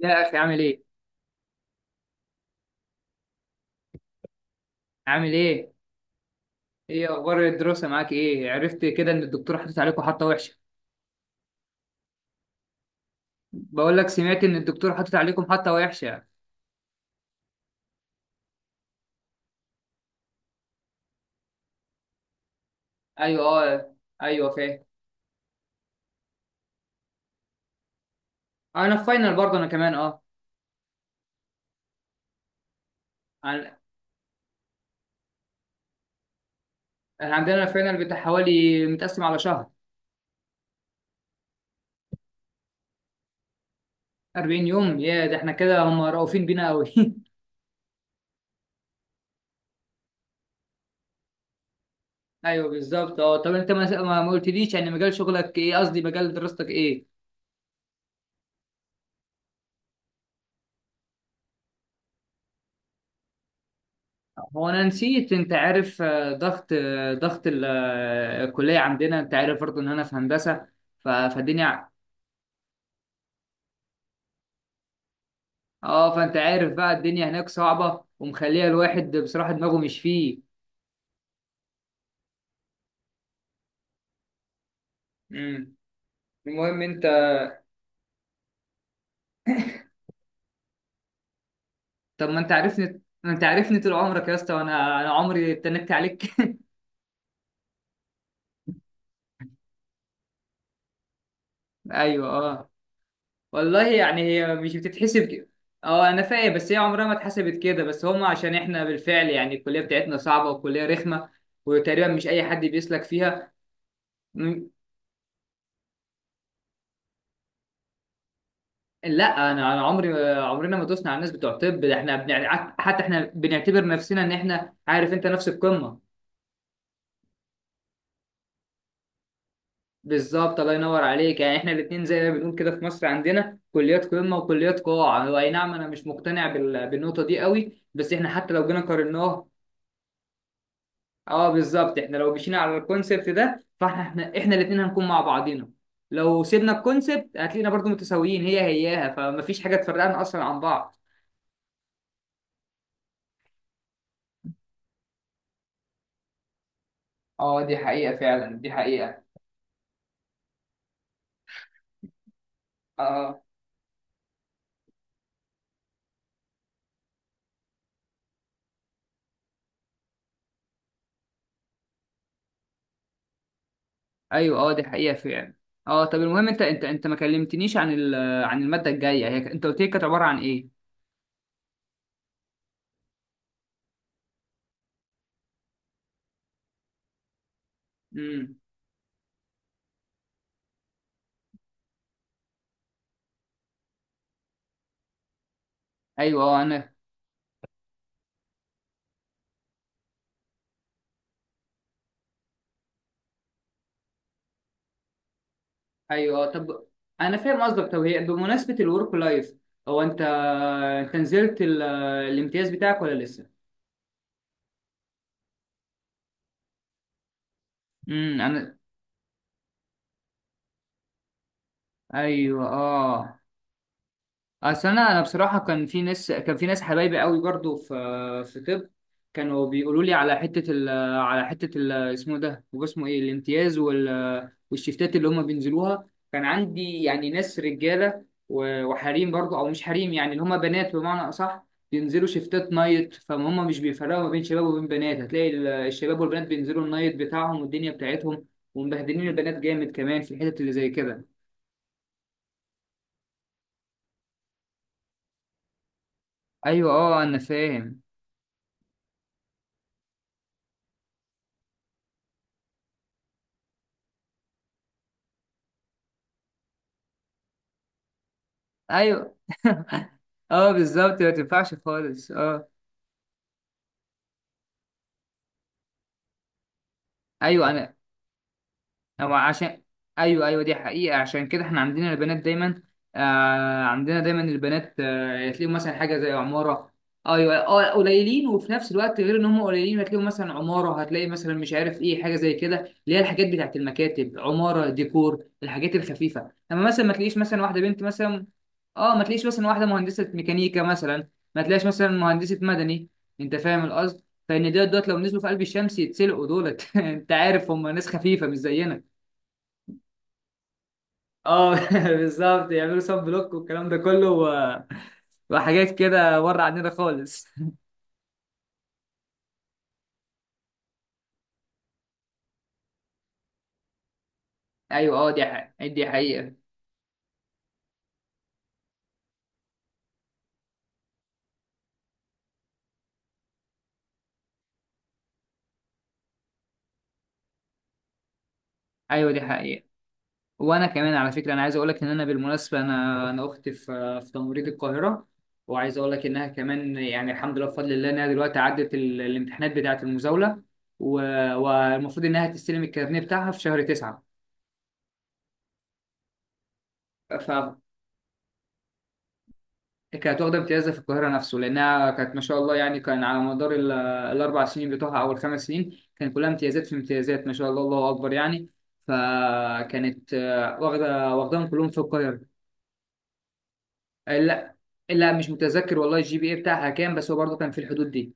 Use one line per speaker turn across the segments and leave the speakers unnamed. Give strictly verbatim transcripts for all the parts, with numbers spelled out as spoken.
يا اخي، عامل ايه؟ عامل ايه؟ ايه اخبار الدراسه معاك؟ ايه عرفت كده ان الدكتور حاطط عليكم حطه وحشه؟ بقول لك سمعت ان الدكتور حاطط عليكم حطه وحشه. ايوه. اه. ايوه فاهم. آه، انا في فاينل برضه انا كمان. اه. عن- احنا عندنا الفاينل بتاع حوالي متقسم على شهر. أربعين يوم؟ يا ده احنا كده هم رؤوفين بينا قوي. ايوه بالظبط. اه طب انت ما ما ما قلتليش، يعني مجال شغلك ايه؟ قصدي مجال دراستك ايه؟ هو انا نسيت، انت عارف، آه، ضغط، آه، ضغط ال- آه، الكليه عندنا، انت عارف برضه ان انا في هندسه. ف- فالدنيا، اه. فانت عارف بقى الدنيا هناك صعبه ومخليه الواحد بصراحه دماغه مش فيه. امم المهم انت، طب ما انت عارفني، ما انت عارفني طول عمرك يا اسطى، وانا انا عمري اتنكت عليك. ايوه اه. والله يعني هي مش بتتحسب كده. اه انا فاهم بس هي عمرها ما اتحسبت كده، بس هم عشان احنا بالفعل يعني الكليه بتاعتنا صعبه وكليه رخمه، وتقريبا مش اي حد بيسلك فيها. م- لا. انا انا عمري، عمرنا ما دوسنا على الناس بتوع طب. ده احنا بنع... حتى احنا بنعتبر نفسنا ان احنا، عارف انت، نفس القمه. بالظبط، الله ينور عليك، يعني احنا الاثنين زي ما بنقول كده في مصر عندنا كليات قمه وكليات قاع. هو اي نعم انا مش مقتنع بال... بالنقطه دي قوي، بس احنا حتى لو جينا قارناه. اه بالظبط، احنا لو مشينا على الكونسبت ده فاحنا احنا, احنا الاثنين هنكون مع بعضينا. لو سيبنا الكونسبت هتلاقينا برضو متساويين، هي هياها، فمفيش حاجه تفرقنا اصلا عن بعض. اه دي حقيقة فعلا، دي حقيقة. آه. ايوه اه دي حقيقه فعلا. اه طب المهم انت، انت انت ما كلمتنيش عن ال- عن الماده الجايه، هي ك- انت قلت لي كانت عباره عن ايه؟ امم ايوه اه. انا ايوه اه. طب انا فاهم قصدك. طب هي بمناسبه الورك لايف، هو انت انت نزلت ال- الامتياز بتاعك ولا لسه؟ امم انا ايوه اه. اصل انا، انا بصراحه كان في ناس، كان في ناس حبايبي قوي برضو في، في طب. كانوا بيقولوا لي على حته ال... على حته ال... اسمه ده، هو اسمه ايه؟ الامتياز وال... والشفتات اللي هم بينزلوها، كان عندي يعني ناس رجاله و... وحريم برضو، او مش حريم يعني، اللي هم بنات بمعنى اصح، بينزلوا شفتات نايت، فهم مش بيفرقوا ما بين شباب وبين بنات. هتلاقي ال- الشباب والبنات بينزلوا النايت بتاعهم والدنيا بتاعتهم، ومبهدلين البنات جامد كمان في الحتت اللي زي كده. ايوه اه انا فاهم. ايوه. اه بالظبط ما تنفعش خالص اه. ايوه. انا هو عشان، ايوه ايوه دي حقيقة. عشان كده احنا عندنا البنات دايما، آه عندنا دايما البنات، آه تلاقيهم مثلا حاجة زي عمارة. ايوه اه قليلين، وفي نفس الوقت غير ان هم قليلين، هتلاقيهم مثلا عمارة، هتلاقي مثلا مش عارف ايه حاجة زي كده، اللي هي الحاجات بتاعت المكاتب، عمارة ديكور، الحاجات الخفيفة. اما مثلا ما تلاقيش مثلا واحدة بنت مثلا، اه ما تلاقيش مثلا واحدة مهندسة ميكانيكا مثلا، ما تلاقيش مثلا مهندسة مدني. انت فاهم القصد، فان دول دول لو نزلوا في قلب الشمس يتسلقوا دولت. انت عارف هم ناس خفيفة مش زينا. اه. بالظبط، يعملوا سب بلوك والكلام ده كله، و- وحاجات كده بره عننا خالص. ايوه اه دي حقيقة، دي حقيقة. ايوه دي حقيقة. وانا كمان على فكرة، انا عايز اقول لك ان انا بالمناسبة، انا انا اختي في، في تمريض القاهرة، وعايز اقول لك انها كمان يعني الحمد لله بفضل الله، انها دلوقتي عدت ال- الامتحانات بتاعة المزاولة، و- والمفروض انها تستلم الكارنيه بتاعها في شهر تسعة. كانت واخدة امتياز في القاهرة نفسه، لأنها كانت ما شاء الله يعني كان على مدار ال- الأربع سنين بتوعها أو الخمس سنين، كان كلها امتيازات في امتيازات، ما شاء الله، الله أكبر يعني. فكانت آه، واخدة، واخداهم كلهم في القاهرة. آه، لا، لا مش متذكر والله الجي بي اي بتاعها كام، بس هو برضه كان في الحدود دي.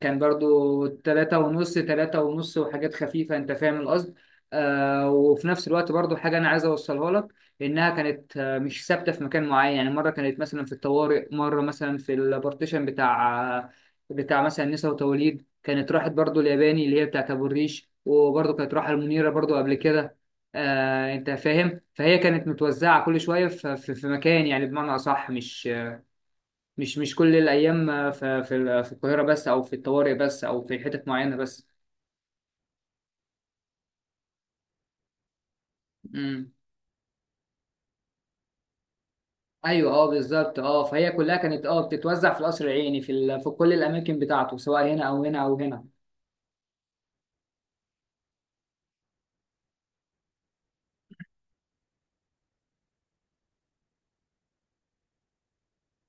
كان برضو تلاتة ونص، تلاتة ونص وحاجات خفيفة، انت فاهم القصد. آه وفي نفس الوقت برضو حاجة انا عايز اوصلها لك، انها كانت آه، مش ثابتة في مكان معين، يعني مرة كانت مثلا في الطوارئ، مرة مثلا في البارتيشن بتاع بتاع مثلا نساء وتوليد، كانت راحت برضو الياباني اللي هي بتاعت ابو الريش، وبرضو كانت راحة المنيرة برضو قبل كده. آه انت فاهم، فهي كانت متوزعة كل شوية في, في, في مكان، يعني بمعنى اصح مش مش مش كل الأيام في في ال- في القاهرة بس، أو في الطوارئ بس، أو في حتت معينة بس. امم أيوه أه بالظبط أه. فهي كلها كانت أه بتتوزع في القصر العيني، في ال... في كل الأماكن بتاعته، سواء هنا أو هنا أو هنا.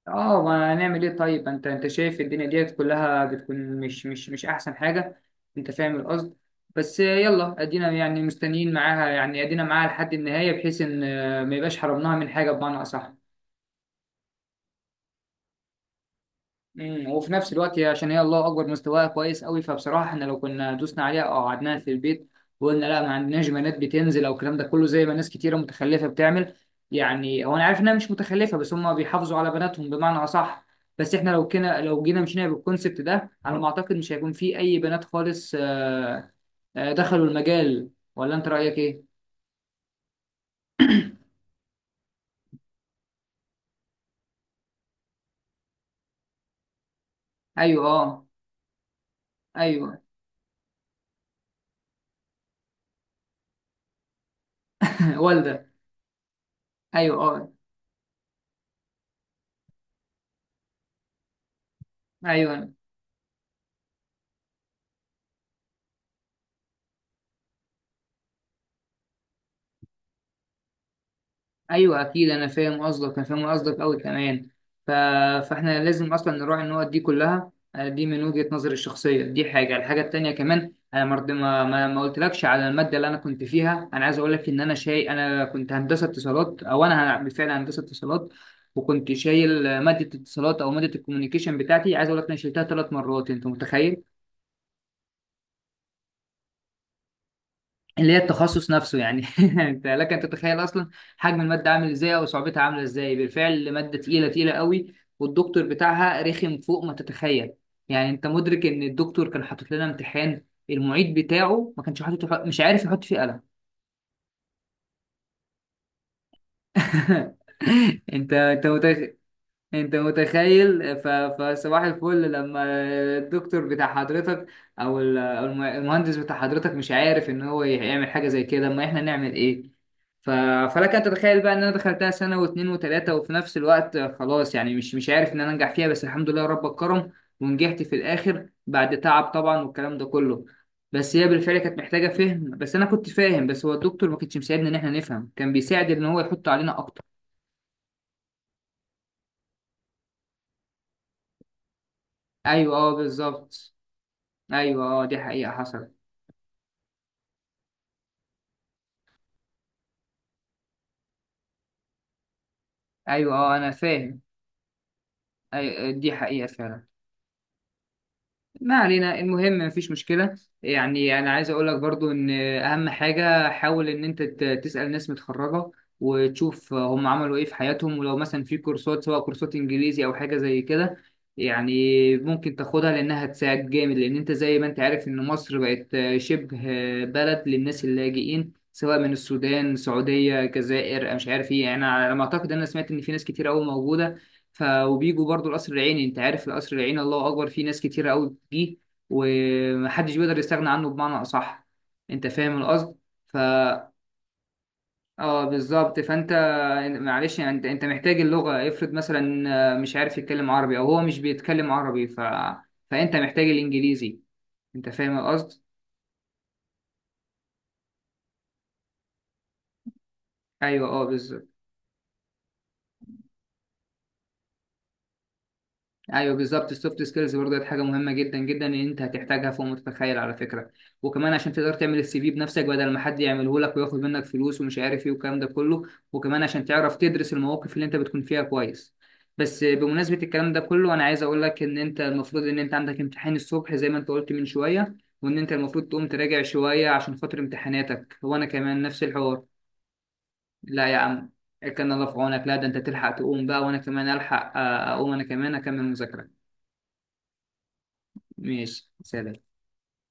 أه ما هنعمل إيه؟ طيب أنت، أنت شايف الدنيا ديت كلها بتكون مش مش مش أحسن حاجة، أنت فاهم القصد. بس يلا أدينا يعني مستنيين معاها، يعني أدينا معاها لحد النهاية، بحيث إن آه، ما يبقاش حرمناها من حاجة بمعنى أصح. امم وفي نفس الوقت هي- عشان هي الله اكبر مستواها كويس قوي، فبصراحه احنا لو كنا دوسنا عليها او قعدناها في البيت، وقلنا لا ما عندناش بنات بتنزل او الكلام ده كله، زي ما ناس كتيره متخلفه بتعمل، يعني هو انا عارف انها مش متخلفه، بس هم بيحافظوا على بناتهم بمعنى اصح. بس احنا لو كنا، لو جينا مشينا بالكونسبت ده، على ما اعتقد مش هيكون في اي بنات خالص آه، آه، دخلوا المجال، ولا انت رايك ايه؟ ايوه اه. ايوه. والده. ايوه اه. ايوه. ايوه اكيد انا فاهم قصدك، انا فاهم قصدك قوي كمان. ف... فاحنا لازم اصلا نراعي النقط دي كلها، آه، دي من وجهة نظري الشخصيه، دي حاجه. الحاجه التانيه كمان، انا مرض ما ما, ما قلتلكش على الماده اللي انا كنت فيها. انا عايز اقول لك ان انا شايل، انا كنت هندسه اتصالات، او انا ه- بالفعل هندسه اتصالات، وكنت شايل آه، ماده الاتصالات او ماده الكوميونيكيشن بتاعتي. عايز اقول لك انا شلتها ثلاث مرات، انت متخيل؟ اللي هي التخصص نفسه يعني. انت لك ان تتخيل اصلا حجم الماده عامل ازاي، او صعوبتها عامله ازاي. بالفعل ماده تقيله، تقيله قوي، والدكتور بتاعها رخم فوق ما تتخيل. يعني انت مدرك ان الدكتور كان حاطط لنا امتحان المعيد بتاعه ما كانش حاطط، مش عارف يحط فيه قلم. انت انت متخ... انت متخيل، ف- فصباح الفل لما الدكتور بتاع حضرتك، او ال- أو الم- المهندس بتاع حضرتك، مش عارف ان هو يعمل حاجه زي كده، ما احنا نعمل ايه؟ ف... فلك ان تتخيل بقى ان انا دخلتها سنه واثنين وثلاثه، وفي نفس الوقت خلاص يعني مش مش عارف ان انا انجح فيها، بس الحمد لله رب كرم ونجحت في الاخر بعد تعب طبعا والكلام ده كله. بس هي بالفعل كانت محتاجه فهم، بس انا كنت فاهم، بس هو الدكتور ما كانش مساعدنا ان احنا نفهم، كان بيساعد ان هو يحط علينا اكتر. ايوه اه بالظبط. ايوه اه دي حقيقة حصلت. ايوه اه انا فاهم. أيوة آه، دي حقيقة فعلا. ما علينا، المهم مفيش مشكلة. يعني أنا عايز أقول لك برضو إن أهم حاجة، حاول إن أنت ت- تسأل ناس متخرجة، وتشوف هم عملوا إيه في حياتهم، ولو مثلا في كورسات سواء كورسات إنجليزي أو حاجة زي كده يعني، ممكن تاخدها لأنها هتساعد جامد. لأن أنت زي ما أنت عارف إن مصر بقت شبه بلد للناس اللاجئين، سواء من السودان، السعودية، الجزائر، أنا مش عارف إيه، يعني أنا على ما أعتقد أنا سمعت إن في ناس كتير أوي موجودة. ف وبيجوا برضو القصر العيني، انت عارف القصر العيني الله اكبر فيه ناس كتيره قوي فيه، ومحدش بيقدر يستغنى عنه بمعنى اصح، انت فاهم القصد. ف اه بالظبط. فانت معلش يعني، انت انت محتاج اللغه. افرض مثلا آه، مش عارف يتكلم عربي، او هو مش بيتكلم عربي، ف فانت محتاج الانجليزي، انت فاهم القصد. ايوه اه بالظبط. ايوه بالظبط السوفت سكيلز برضه دي حاجه مهمه جدا جدا، ان انت هتحتاجها فوق ما تتخيل على فكره. وكمان عشان تقدر تعمل السي في بنفسك، بدل ما حد يعمله لك وياخد منك فلوس ومش عارف ايه والكلام ده كله. وكمان عشان تعرف تدرس المواقف اللي انت بتكون فيها كويس. بس بمناسبه الكلام ده كله، انا عايز اقول لك ان انت المفروض ان انت عندك امتحان الصبح زي ما انت قلت من شويه، وان انت المفروض تقوم تراجع شويه عشان خاطر امتحاناتك، وانا كمان نفس الحوار. لا يا عم، كان الله في عونك. لا ده انت تلحق تقوم بقى، وانا كمان الحق آه، اقوم انا كمان اكمل مذاكره. ماشي سلام.